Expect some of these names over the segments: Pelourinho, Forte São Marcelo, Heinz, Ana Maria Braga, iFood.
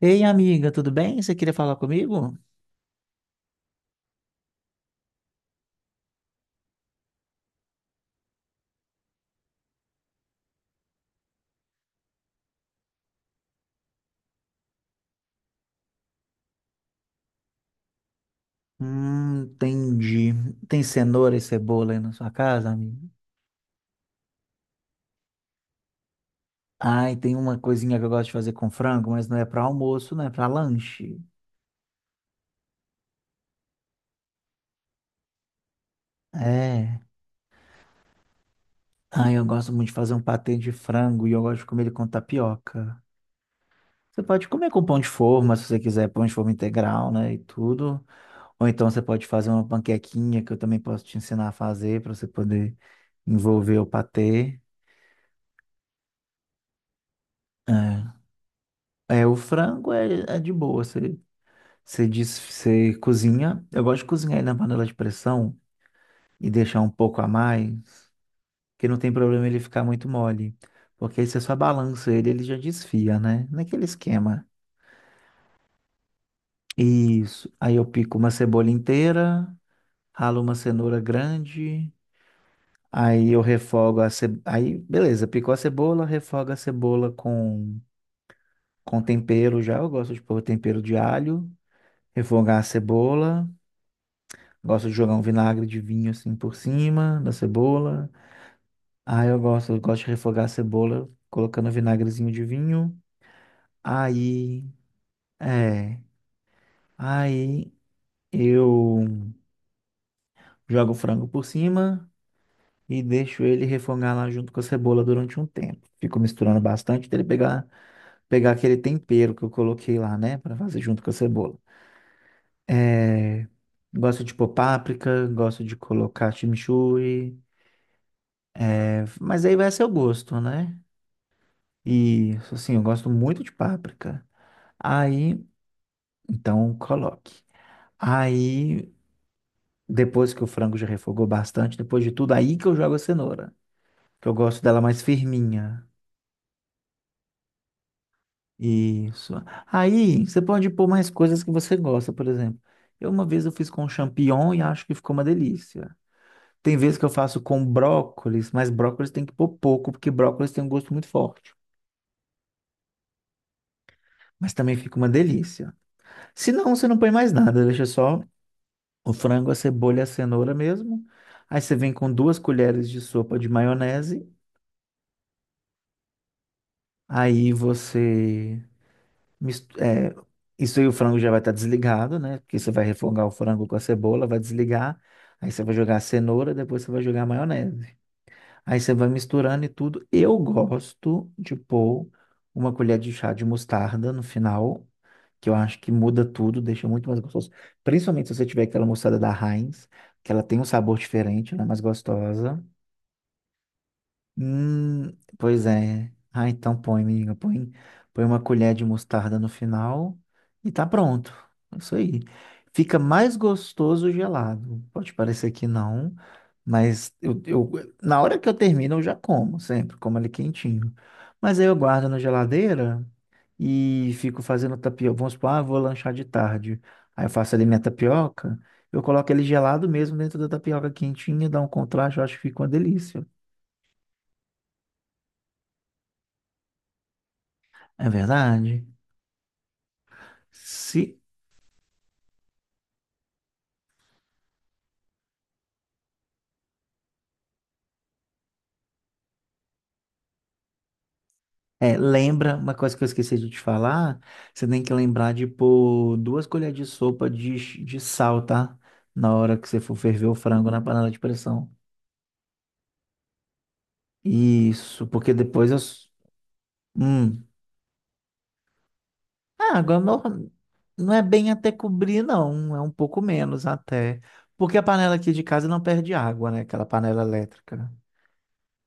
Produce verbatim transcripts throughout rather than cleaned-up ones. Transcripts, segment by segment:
Ei, amiga, tudo bem? Você queria falar comigo? Hum, entendi. Tem cenoura e cebola aí na sua casa, amiga? Ai, tem uma coisinha que eu gosto de fazer com frango, mas não é para almoço, não é para lanche. É. Ai, eu gosto muito de fazer um patê de frango e eu gosto de comer ele com tapioca. Você pode comer com pão de forma, se você quiser, pão de forma integral, né, e tudo. Ou então você pode fazer uma panquequinha que eu também posso te ensinar a fazer para você poder envolver o patê. É. É, o frango é, é de boa. Você, você diz, você cozinha. Eu gosto de cozinhar ele na panela de pressão e deixar um pouco a mais, que não tem problema ele ficar muito mole. Porque aí você só balança ele, ele já desfia, né? Naquele esquema. Isso. Aí eu pico uma cebola inteira, ralo uma cenoura grande, aí eu refogo a cebola. Aí, beleza, picou a cebola, refoga a cebola com, com tempero já. Eu gosto de pôr tempero de alho, refogar a cebola. Gosto de jogar um vinagre de vinho assim por cima da cebola. Aí eu gosto, eu gosto de refogar a cebola colocando vinagrezinho de vinho. Aí, é, aí eu jogo o frango por cima e deixo ele refogar lá junto com a cebola durante um tempo. Fico misturando bastante até ele pegar pegar aquele tempero que eu coloquei lá, né, para fazer junto com a cebola. É, gosto de pôr páprica, gosto de colocar chimichurri, é, mas aí vai a seu gosto, né? E assim, eu gosto muito de páprica. Aí, então, coloque. Aí, depois que o frango já refogou bastante, depois de tudo, aí que eu jogo a cenoura. Que eu gosto dela mais firminha. Isso. Aí, você pode pôr mais coisas que você gosta, por exemplo. Eu uma vez eu fiz com champignon e acho que ficou uma delícia. Tem vezes que eu faço com brócolis, mas brócolis tem que pôr pouco, porque brócolis tem um gosto muito forte. Mas também fica uma delícia. Se não, você não põe mais nada, deixa só o frango, a cebola e a cenoura mesmo. Aí você vem com duas colheres de sopa de maionese. Aí você mis- é, isso aí o frango já vai estar desligado, né? Porque você vai refogar o frango com a cebola, vai desligar. Aí você vai jogar a cenoura, depois você vai jogar a maionese. Aí você vai misturando e tudo. Eu gosto de pôr uma colher de chá de mostarda no final, que eu acho que muda tudo, deixa muito mais gostoso. Principalmente se você tiver aquela mostarda da Heinz, que ela tem um sabor diferente, ela é mais gostosa. Hum, pois é. Ah, então põe, amiga. Põe, põe uma colher de mostarda no final e tá pronto. É isso aí. Fica mais gostoso gelado. Pode parecer que não, mas eu, eu- na hora que eu termino, eu já como sempre, como ele quentinho. Mas aí eu guardo na geladeira e fico fazendo tapioca. Vamos supor, ah, vou lanchar de tarde. Aí eu faço ali minha tapioca. Eu coloco ele gelado mesmo dentro da tapioca quentinha, dá um contraste, eu acho que fica uma delícia. É verdade? Se é, Lembra uma coisa que eu esqueci de te falar, você tem que lembrar de pôr duas colheres de sopa de, ch- de sal, tá? Na hora que você for ferver o frango na panela de pressão. Isso, porque depois eu. S- Hum. Ah, agora não, não é bem até cobrir, não. É um pouco menos até. Porque a panela aqui de casa não perde água, né? Aquela panela elétrica.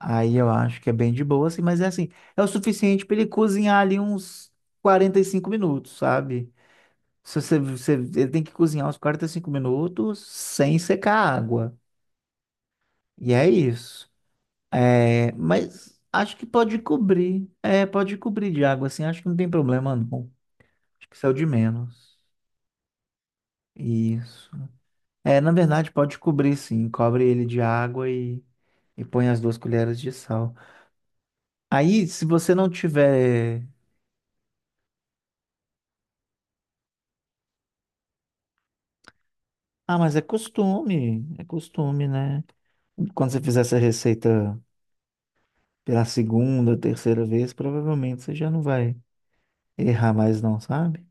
Aí eu acho que é bem de boa, assim, mas é assim, é o suficiente para ele cozinhar ali uns quarenta e cinco minutos, sabe? Se você, você, ele tem que cozinhar uns quarenta e cinco minutos sem secar a água. E é isso. É, mas acho que pode cobrir. É, pode cobrir de água, assim. Acho que não tem problema, não. Acho que isso é o de menos. Isso. É, na verdade, pode cobrir, sim. Cobre ele de água e, e põe as duas colheres de sal. Aí, se você não tiver. Ah, mas é costume. É costume, né? Quando você fizer essa receita pela segunda, terceira vez, provavelmente você já não vai errar mais não, sabe?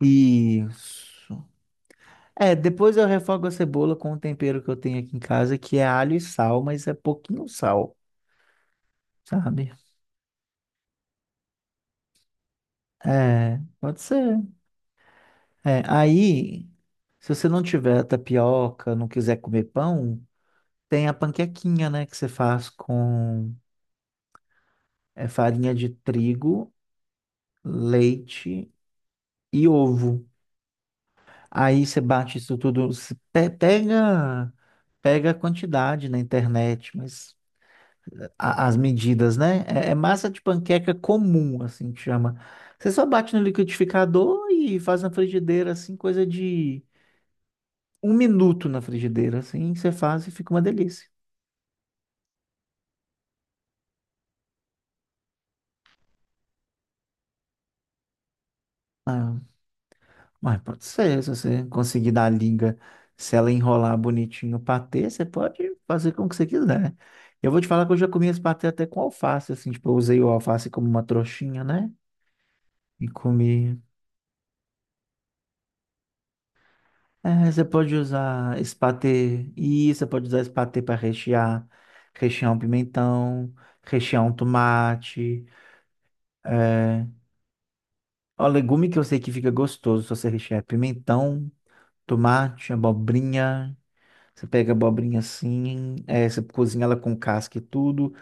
Isso. É, depois eu refogo a cebola com o tempero que eu tenho aqui em casa, que é alho e sal, mas é pouquinho sal, sabe? É, pode ser. É, aí, se você não tiver tapioca, não quiser comer pão, tem a panquequinha, né, que você faz com é, farinha de trigo, leite e ovo. Aí você bate isso tudo, se pe- pega, pega a quantidade na internet, mas a- as medidas, né? É, é massa de panqueca comum, assim que chama. Você só bate no liquidificador e faz na frigideira, assim, coisa de um minuto na frigideira, assim, você faz e fica uma delícia. Ah, mas pode ser, se você conseguir dar a liga, se ela enrolar bonitinho o patê, você pode fazer como que você quiser. Eu vou te falar que eu já comi esse patê até com alface, assim, tipo, eu usei o alface como uma trouxinha, né? E comi. É, você pode usar esse patê, e você pode usar esse patê para rechear, rechear um pimentão, rechear um tomate. É... Ó, legume que eu sei que fica gostoso se você rechear é pimentão, tomate, abobrinha. Você pega a abobrinha assim, é, você cozinha ela com casca e tudo.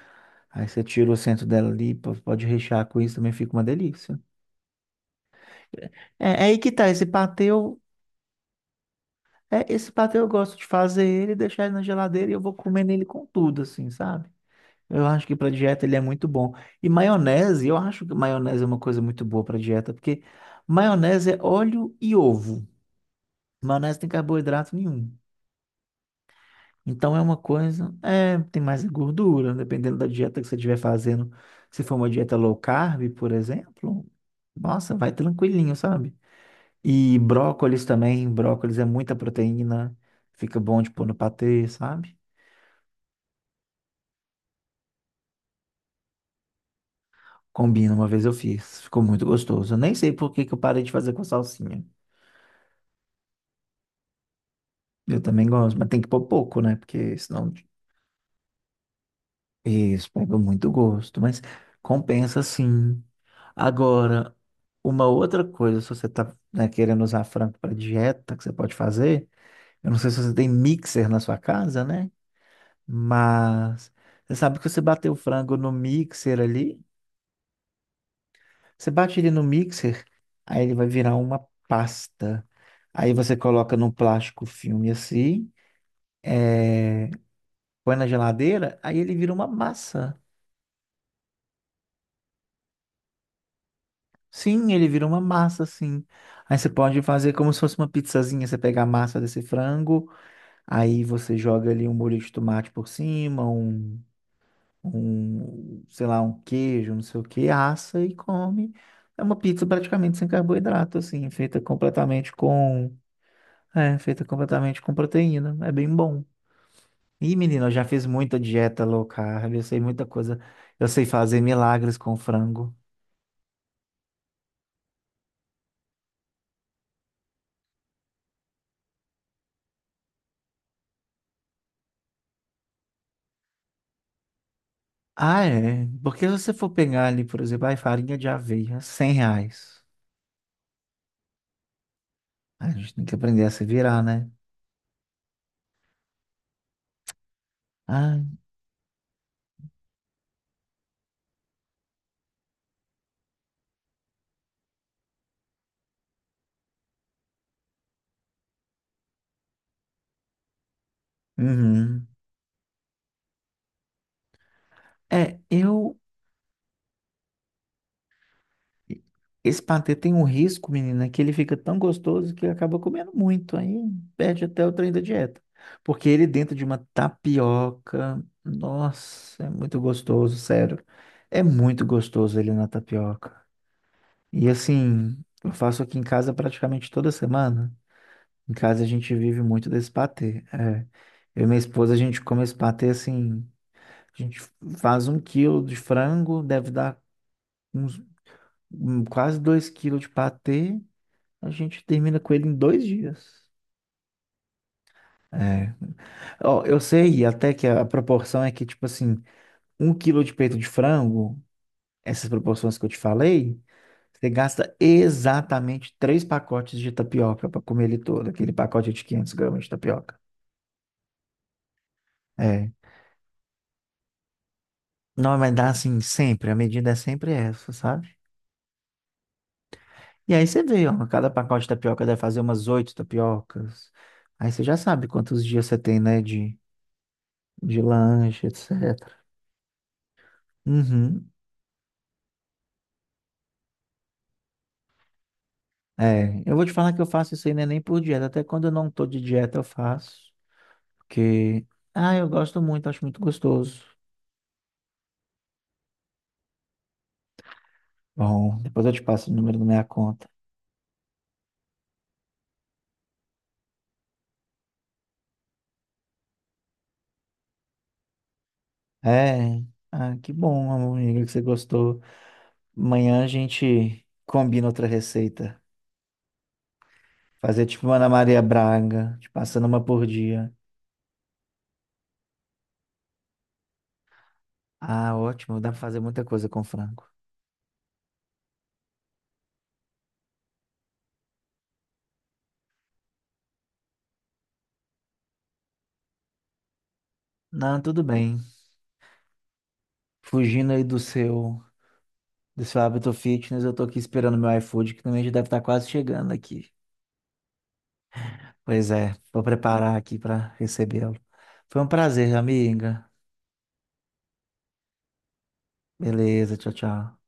Aí você tira o centro dela ali, po- pode rechear com isso, também fica uma delícia. É, é aí que tá, esse patê eu, é, esse patê eu gosto de fazer ele, deixar ele na geladeira e eu vou comendo ele com tudo, assim, sabe? Eu acho que para dieta ele é muito bom. E maionese, eu acho que maionese é uma coisa muito boa para dieta, porque maionese é óleo e ovo. Maionese não tem carboidrato nenhum. Então é uma coisa, é, tem mais gordura, dependendo da dieta que você estiver fazendo. Se for uma dieta low carb, por exemplo, nossa, vai tranquilinho, sabe? E brócolis também, brócolis é muita proteína, fica bom de pôr no patê, sabe? Combina, uma vez eu fiz, ficou muito gostoso. Eu nem sei por que que eu parei de fazer com salsinha. Eu também gosto, mas tem que pôr pouco, né? Porque senão isso, pega muito gosto, mas compensa sim. Agora, uma outra coisa, se você tá, né, querendo usar frango para dieta, que você pode fazer, eu não sei se você tem mixer na sua casa, né? Mas você sabe que você bater o frango no mixer ali, você bate ele no mixer, aí ele vai virar uma pasta. Aí você coloca num plástico filme assim, eh, põe na geladeira, aí ele vira uma massa. Sim, ele vira uma massa, assim. Aí você pode fazer como se fosse uma pizzazinha. Você pega a massa desse frango, aí você joga ali um molho de tomate por cima, um, um, sei lá, um queijo, não sei o que, assa e come. É uma pizza praticamente sem carboidrato, assim, feita completamente com, é, feita completamente com proteína. É bem bom. Ih, menina, eu já fiz muita dieta low carb, eu sei muita coisa. Eu sei fazer milagres com frango. Ah, é. Porque se você for pegar ali, por exemplo, ai, farinha de aveia, cem reais. A gente tem que aprender a se virar, né? Ah, uhum. É, eu. Esse patê tem um risco, menina, que ele fica tão gostoso que acaba comendo muito. Aí perde até o trem da dieta. Porque ele dentro de uma tapioca. Nossa, é muito gostoso, sério. É muito gostoso ele na tapioca. E assim, eu faço aqui em casa praticamente toda semana. Em casa a gente vive muito desse patê. É. Eu e minha esposa, a gente come esse patê assim. A gente faz um quilo de frango, deve dar uns hum, quase dois quilos de patê. A gente termina com ele em dois dias. É. Ó, eu sei até que a proporção é que, tipo assim, um quilo de peito de frango, essas proporções que eu te falei, você gasta exatamente três pacotes de tapioca para comer ele todo, aquele pacote de quinhentos gramas de tapioca. É. Não vai dar assim sempre, a medida é sempre essa, sabe? E aí você vê, ó, cada pacote de tapioca deve fazer umas oito tapiocas. Aí você já sabe quantos dias você tem, né, de, de lanche, etcétera. Uhum. É, eu vou te falar que eu faço isso aí não é nem por dieta, até quando eu não tô de dieta eu faço, porque, ah, eu gosto muito, acho muito gostoso. Bom, depois eu te passo o número da minha conta. É, ah, que bom, amigo, que você gostou. Amanhã a gente combina outra receita. Fazer tipo uma Ana Maria Braga, te passando uma por dia. Ah, ótimo, dá pra fazer muita coisa com frango. Não, tudo bem. Fugindo aí do seu, do seu hábito fitness, eu tô aqui esperando meu iFood, que também já deve estar quase chegando aqui. Pois é, vou preparar aqui pra recebê-lo. Foi um prazer, amiga. Beleza, tchau, tchau.